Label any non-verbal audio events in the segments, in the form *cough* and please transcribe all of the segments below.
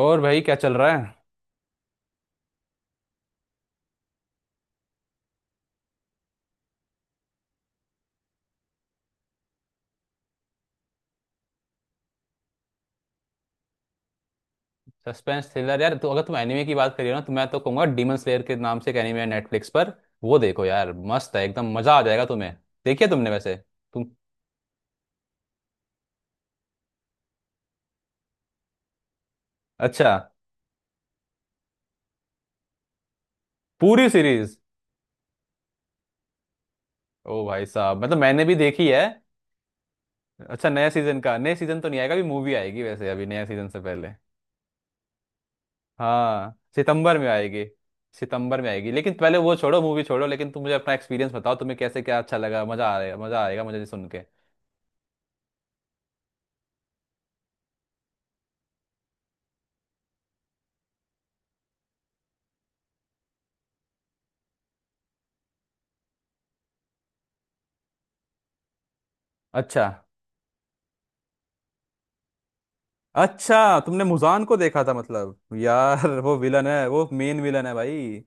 और भाई क्या चल रहा है। सस्पेंस थ्रिलर यार, तो अगर तुम एनिमे की बात करिए ना तो मैं तो कहूंगा, डीमन स्लेयर के नाम से एक एनिमे है नेटफ्लिक्स पर। वो देखो यार, मस्त है, एकदम मजा आ जाएगा तुम्हें। देखिए तुमने वैसे? तुम? अच्छा। पूरी सीरीज? ओ भाई साहब, मतलब मैंने भी देखी है। अच्छा नया सीजन का, नया सीजन तो नहीं आएगा अभी, मूवी आएगी वैसे अभी नया सीजन से पहले। हाँ, सितंबर में आएगी। सितंबर में आएगी, लेकिन पहले वो छोड़ो, मूवी छोड़ो, लेकिन तुम मुझे अपना एक्सपीरियंस बताओ, तुम्हें कैसे क्या अच्छा लगा, मजा आ रहा है, मजा आएगा मुझे सुन के। अच्छा, अच्छा तुमने मुजान को देखा था? मतलब यार वो विलन है, वो मेन विलन है भाई।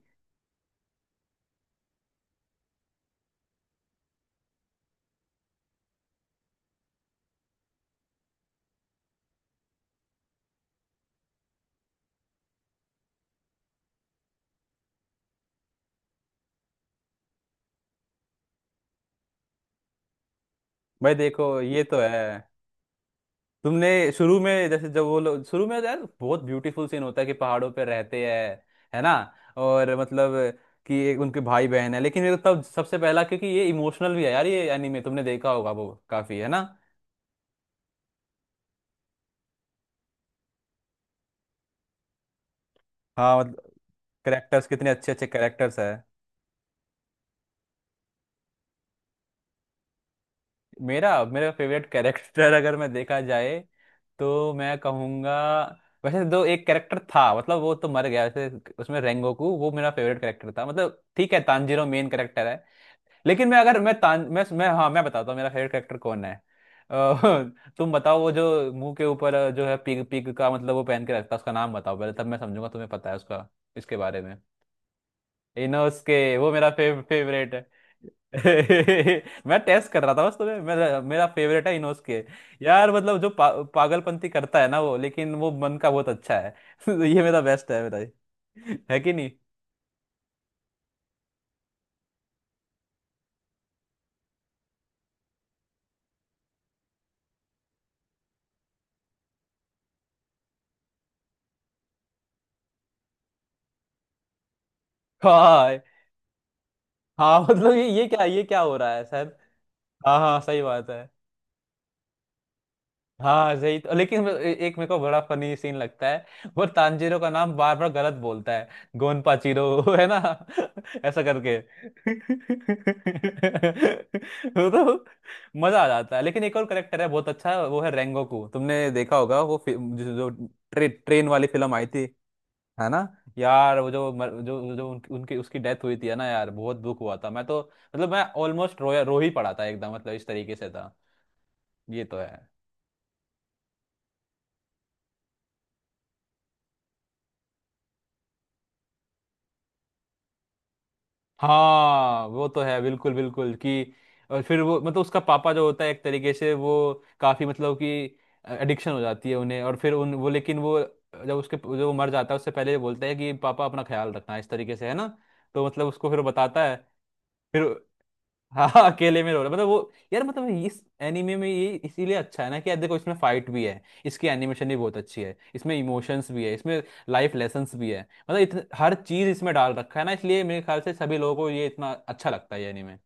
भाई देखो ये तो है, तुमने शुरू में जैसे जब वो लोग, शुरू में यार बहुत ब्यूटीफुल सीन होता है कि पहाड़ों पे रहते हैं, है ना? और मतलब कि एक उनके भाई बहन है, लेकिन मेरे को तब सबसे पहला, क्योंकि ये इमोशनल भी है यार ये एनीमे, तुमने देखा होगा वो, काफी है ना। हाँ मतलब, करेक्टर्स कितने अच्छे अच्छे करेक्टर्स है। मेरा मेरा फेवरेट कैरेक्टर *laughs* अगर मैं देखा जाए तो मैं कहूँगा, वैसे दो एक कैरेक्टर था, मतलब वो तो मर गया वैसे, उसमें रेंगोकू, वो मेरा फेवरेट कैरेक्टर था। मतलब ठीक है, तानजीरो मेन कैरेक्टर है, लेकिन मैं, अगर मैं तान, मैं हाँ, मैं बताता हूँ मेरा फेवरेट कैरेक्टर कौन है। अ, *laughs* तुम बताओ, वो जो मुंह के ऊपर जो है, पिग पिग का मतलब वो पहन के रखता है, उसका नाम बताओ पहले, तब मैं समझूंगा तुम्हें पता है उसका इसके बारे में। इनोस के वो मेरा फेवरेट है। *laughs* मैं टेस्ट कर रहा था बस तुम्हें, मेरा मेरा फेवरेट है इनोस के। यार मतलब जो पागलपंती करता है ना वो, लेकिन वो मन का बहुत अच्छा है। *laughs* ये मेरा बेस्ट है, मेरा ये। है कि नहीं? हाँ हाँ, मतलब ये क्या, ये क्या हो रहा है सर। हाँ हाँ, सही बात है। हाँ सही, तो लेकिन वो एक मेरे को बड़ा फनी सीन लगता है, वो तांजीरो का नाम बार बार गलत बोलता है, गोन पाचीरो, है ना? *laughs* ऐसा करके। *laughs* वो तो मजा आ जाता है। लेकिन एक और करेक्टर है बहुत अच्छा, वो है रेंगोकू, तुमने देखा होगा वो, जो ट्रेन वाली फिल्म आई थी, है ना यार? वो जो जो जो उनकी उसकी डेथ हुई थी, है ना यार, बहुत दुख हुआ था मैं तो, मतलब मैं ऑलमोस्ट रो रो ही पड़ा था एकदम, मतलब इस तरीके से था। ये तो है। हाँ वो तो है, बिल्कुल बिल्कुल कि, और फिर वो मतलब उसका पापा जो होता है एक तरीके से वो, काफी मतलब कि एडिक्शन हो जाती है उन्हें, और फिर उन वो, लेकिन वो जब उसके जब वो मर जाता है, उससे पहले ये बोलता है कि पापा अपना ख्याल रखना, इस तरीके से, है ना, तो मतलब उसको फिर वो बताता है। फिर हाँ हाँ, अकेले में रो रहा है। मतलब वो यार, मतलब इस एनीमे में ये इसीलिए अच्छा है ना कि यार देखो, इसमें फाइट भी है, इसकी एनिमेशन भी बहुत अच्छी है, इसमें इमोशंस भी है, इसमें लाइफ लेसन्स भी है, मतलब हर चीज इसमें डाल रखा है ना, इसलिए मेरे ख्याल से सभी लोगों को ये इतना अच्छा लगता है ये एनीमे।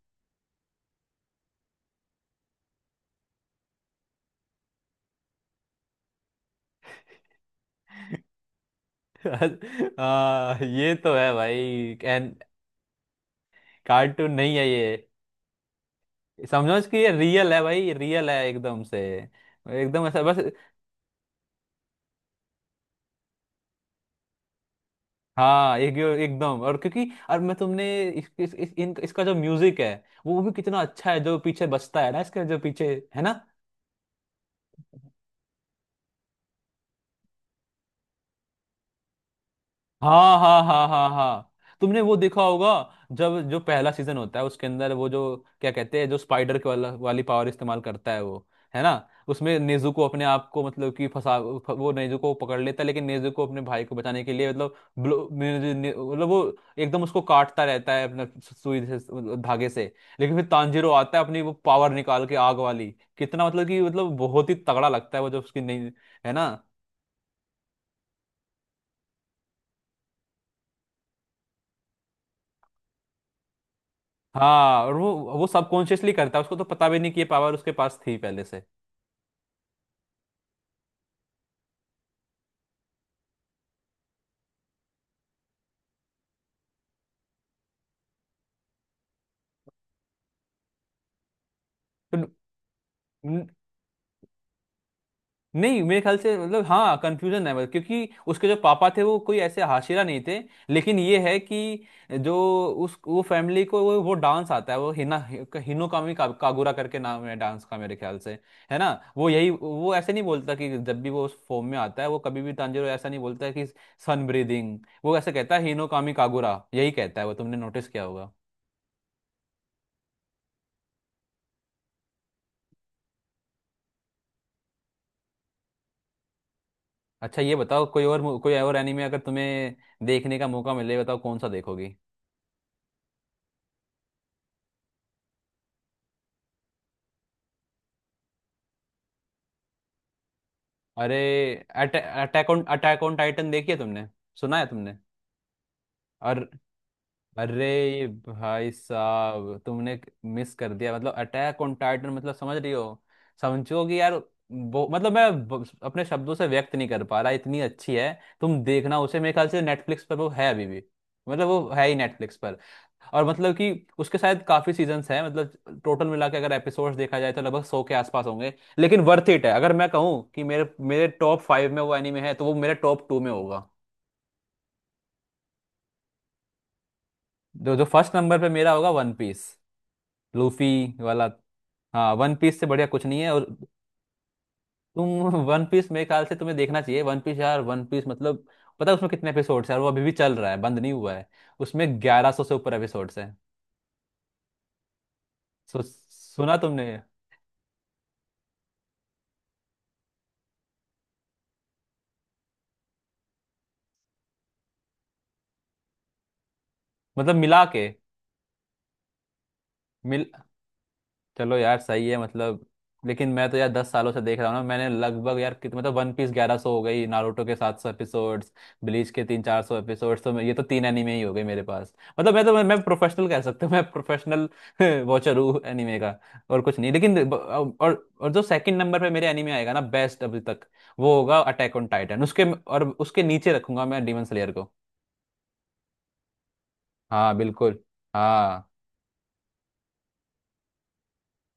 *laughs* ये तो है भाई। एन कार्टून नहीं है ये। समझो कि ये रियल है भाई, रियल है एकदम से, एकदम ऐसा बस। हाँ एक एकदम, और क्योंकि, और मैं तुमने इसका जो म्यूजिक है वो भी कितना अच्छा है, जो पीछे बजता है ना इसके, जो पीछे, है ना। हाँ हाँ हाँ हाँ हाँ तुमने वो देखा होगा, जब जो पहला सीजन होता है उसके अंदर वो जो, क्या कहते हैं, जो स्पाइडर के वाला वाली पावर इस्तेमाल करता है वो, है ना, उसमें नेज़ुको को अपने आप को, मतलब कि फंसा वो नेज़ुको को पकड़ लेता है, लेकिन नेज़ुको को अपने भाई को बचाने के लिए, मतलब मतलब वो एकदम उसको काटता रहता है अपने सुई से, मतलब धागे से, लेकिन फिर तांजीरो आता है अपनी वो पावर निकाल के आग वाली, कितना मतलब कि मतलब बहुत ही तगड़ा लगता है वो जब उसकी नहीं, है ना। हाँ और वो सबकॉन्शियसली करता है, उसको तो पता भी नहीं कि ये पावर उसके पास थी पहले से। तो न- नहीं मेरे ख्याल से, मतलब हाँ कंफ्यूजन है, मतलब क्योंकि उसके जो पापा थे वो कोई ऐसे हाशिरा नहीं थे, लेकिन ये है कि जो उस वो फैमिली को वो डांस आता है, वो हिना हिनोकामी का, कागुरा करके नाम है डांस का मेरे ख्याल से, है ना। वो यही, वो ऐसे नहीं बोलता कि जब भी वो उस फॉर्म में आता है, वो कभी भी तांजिरो ऐसा नहीं बोलता है कि सन ब्रीदिंग, वो ऐसे कहता है हिनोकामी कागुरा, यही कहता है वो, तुमने नोटिस किया होगा। अच्छा ये बताओ, कोई और कोई और एनीमे अगर तुम्हें देखने का मौका मिले, बताओ कौन सा देखोगी। अरे अटैक ऑन टाइटन देखी है तुमने? सुना है तुमने? और अरे ये भाई साहब, तुमने मिस कर दिया, मतलब अटैक ऑन टाइटन, मतलब समझ रही हो, समझो कि यार वो, मतलब मैं अपने शब्दों से व्यक्त नहीं कर पा रहा, इतनी अच्छी है। तुम देखना उसे, मेरे ख्याल से नेटफ्लिक्स पर वो है अभी भी, मतलब वो है ही नेटफ्लिक्स पर, और मतलब कि उसके शायद काफी सीजन्स हैं, मतलब टोटल मिला के अगर एपिसोड्स देखा जाए तो लगभग 100 के आसपास होंगे, लेकिन वर्थ इट है। अगर मैं कहूँ कि मेरे मेरे टॉप फाइव में वो एनीमे है, तो वो मेरे टॉप टू में होगा। जो जो फर्स्ट नंबर पे मेरा होगा, वन पीस, लूफी वाला। हाँ, वन पीस से बढ़िया कुछ नहीं है और। तुम *laughs* वन पीस, मेरे ख्याल से तुम्हें देखना चाहिए वन पीस यार। वन पीस मतलब, पता है उसमें कितने एपिसोड्स हैं? और वो अभी भी चल रहा है, बंद नहीं हुआ है, उसमें 1100 से ऊपर एपिसोड्स हैं। सो सुना तुमने? मतलब मिला के, मिल, चलो यार सही है मतलब, लेकिन मैं तो यार 10 सालों से देख रहा हूँ ना, मैंने लगभग यार कितने, मतलब वन पीस 1100 हो गई, नारुतो के 700 एपिसोड्स, ब्लीच के 300-400 एपिसोड्स, तो ये तो तीन एनिमे ही हो गए मेरे पास, मतलब मैं तो, मैं प्रोफेशनल कह सकता हूँ, मैं प्रोफेशनल वॉचर *laughs* हूँ एनिमे का, और कुछ नहीं, लेकिन और जो सेकंड नंबर पे मेरे एनिमे आएगा ना बेस्ट अभी तक, वो होगा अटैक ऑन टाइटन, उसके और उसके नीचे रखूंगा मैं डेमन स्लेयर को। हाँ बिल्कुल। हाँ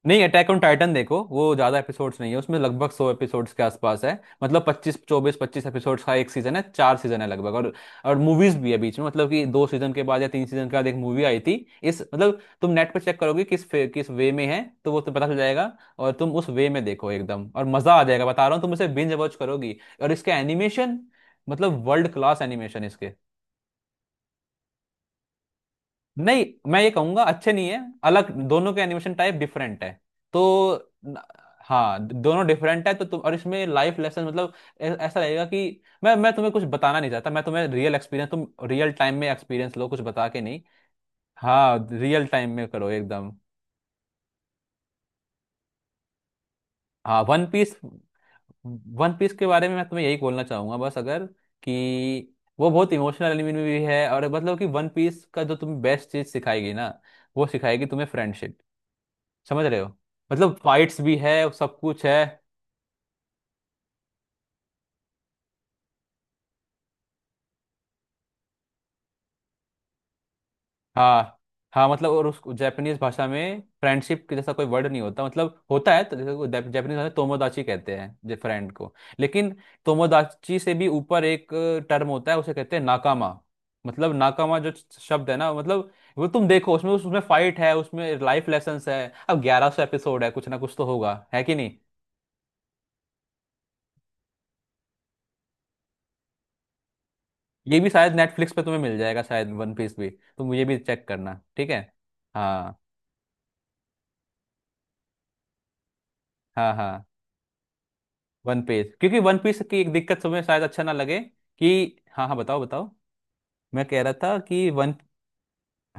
नहीं, अटैक ऑन टाइटन देखो, वो ज्यादा एपिसोड्स नहीं है, उसमें लगभग सौ एपिसोड्स के आसपास है, मतलब पच्चीस एपिसोड्स का एक सीजन है, चार सीजन है लगभग, और मूवीज भी है बीच में, मतलब कि दो सीजन के बाद या तीन सीजन के बाद एक मूवी आई थी इस, मतलब तुम नेट पर चेक करोगे किस किस वे में है, तो वो तुम्हें पता चल जाएगा, और तुम उस वे में देखो, एकदम और मजा आ जाएगा, बता रहा हूँ तुम उसे बिंज वॉच करोगी, और इसके एनिमेशन, मतलब वर्ल्ड क्लास एनिमेशन इसके। नहीं, मैं ये कहूंगा अच्छे नहीं है, अलग दोनों के एनिमेशन टाइप डिफरेंट है, तो न- हाँ दोनों डिफरेंट है, तो तुम, और इसमें लाइफ लेसन मतलब ऐसा लगेगा कि मैं तुम्हें कुछ बताना नहीं चाहता, मैं तुम्हें रियल एक्सपीरियंस, तुम रियल टाइम में एक्सपीरियंस लो, कुछ बता के नहीं। हाँ रियल टाइम में करो एकदम। हाँ वन पीस, वन पीस के बारे में मैं तुम्हें यही बोलना चाहूंगा बस, अगर कि वो बहुत इमोशनल एनिमे भी है, और मतलब कि वन पीस का जो तुम्हें बेस्ट चीज सिखाएगी ना, वो सिखाएगी तुम्हें फ्रेंडशिप, समझ रहे हो? मतलब फाइट्स भी है, सब कुछ है। हाँ हाँ, मतलब और उस जापानीज भाषा में फ्रेंडशिप के जैसा कोई वर्ड नहीं होता, मतलब होता है तो जैसे जापानीज भाषा में तोमोदाची कहते हैं जो फ्रेंड को, लेकिन तोमोदाची से भी ऊपर एक टर्म होता है, उसे कहते हैं नाकामा, मतलब नाकामा जो शब्द है ना, मतलब वो तुम देखो, उसमें उसमें फाइट है, उसमें लाइफ लेसन्स है, अब 1100 एपिसोड है, कुछ ना कुछ तो होगा, है कि नहीं? ये भी शायद नेटफ्लिक्स पे तुम्हें मिल जाएगा शायद, वन पीस भी, तुम ये भी चेक करना, ठीक है। हाँ हाँ। हाँ वन पीस, क्योंकि वन पीस की एक दिक्कत तुम्हें शायद अच्छा ना लगे कि, हाँ हाँ बताओ बताओ, मैं कह रहा था कि वन,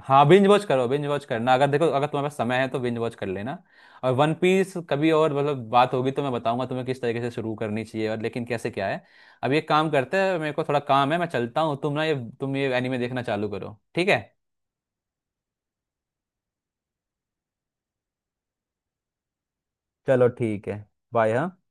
हाँ बिंज वॉच करो, बिंज वॉच करना, अगर देखो अगर तुम्हारे पास समय है तो बिंज वॉच कर लेना, और वन पीस कभी और मतलब बात होगी तो मैं बताऊंगा तुम्हें किस तरीके से शुरू करनी चाहिए, और लेकिन कैसे क्या है, अब ये काम करते हैं, मेरे को थोड़ा काम है, मैं चलता हूँ, तुम ना ये, तुम ये एनीमे देखना चालू करो, ठीक है। चलो ठीक है, बाय, हाँ।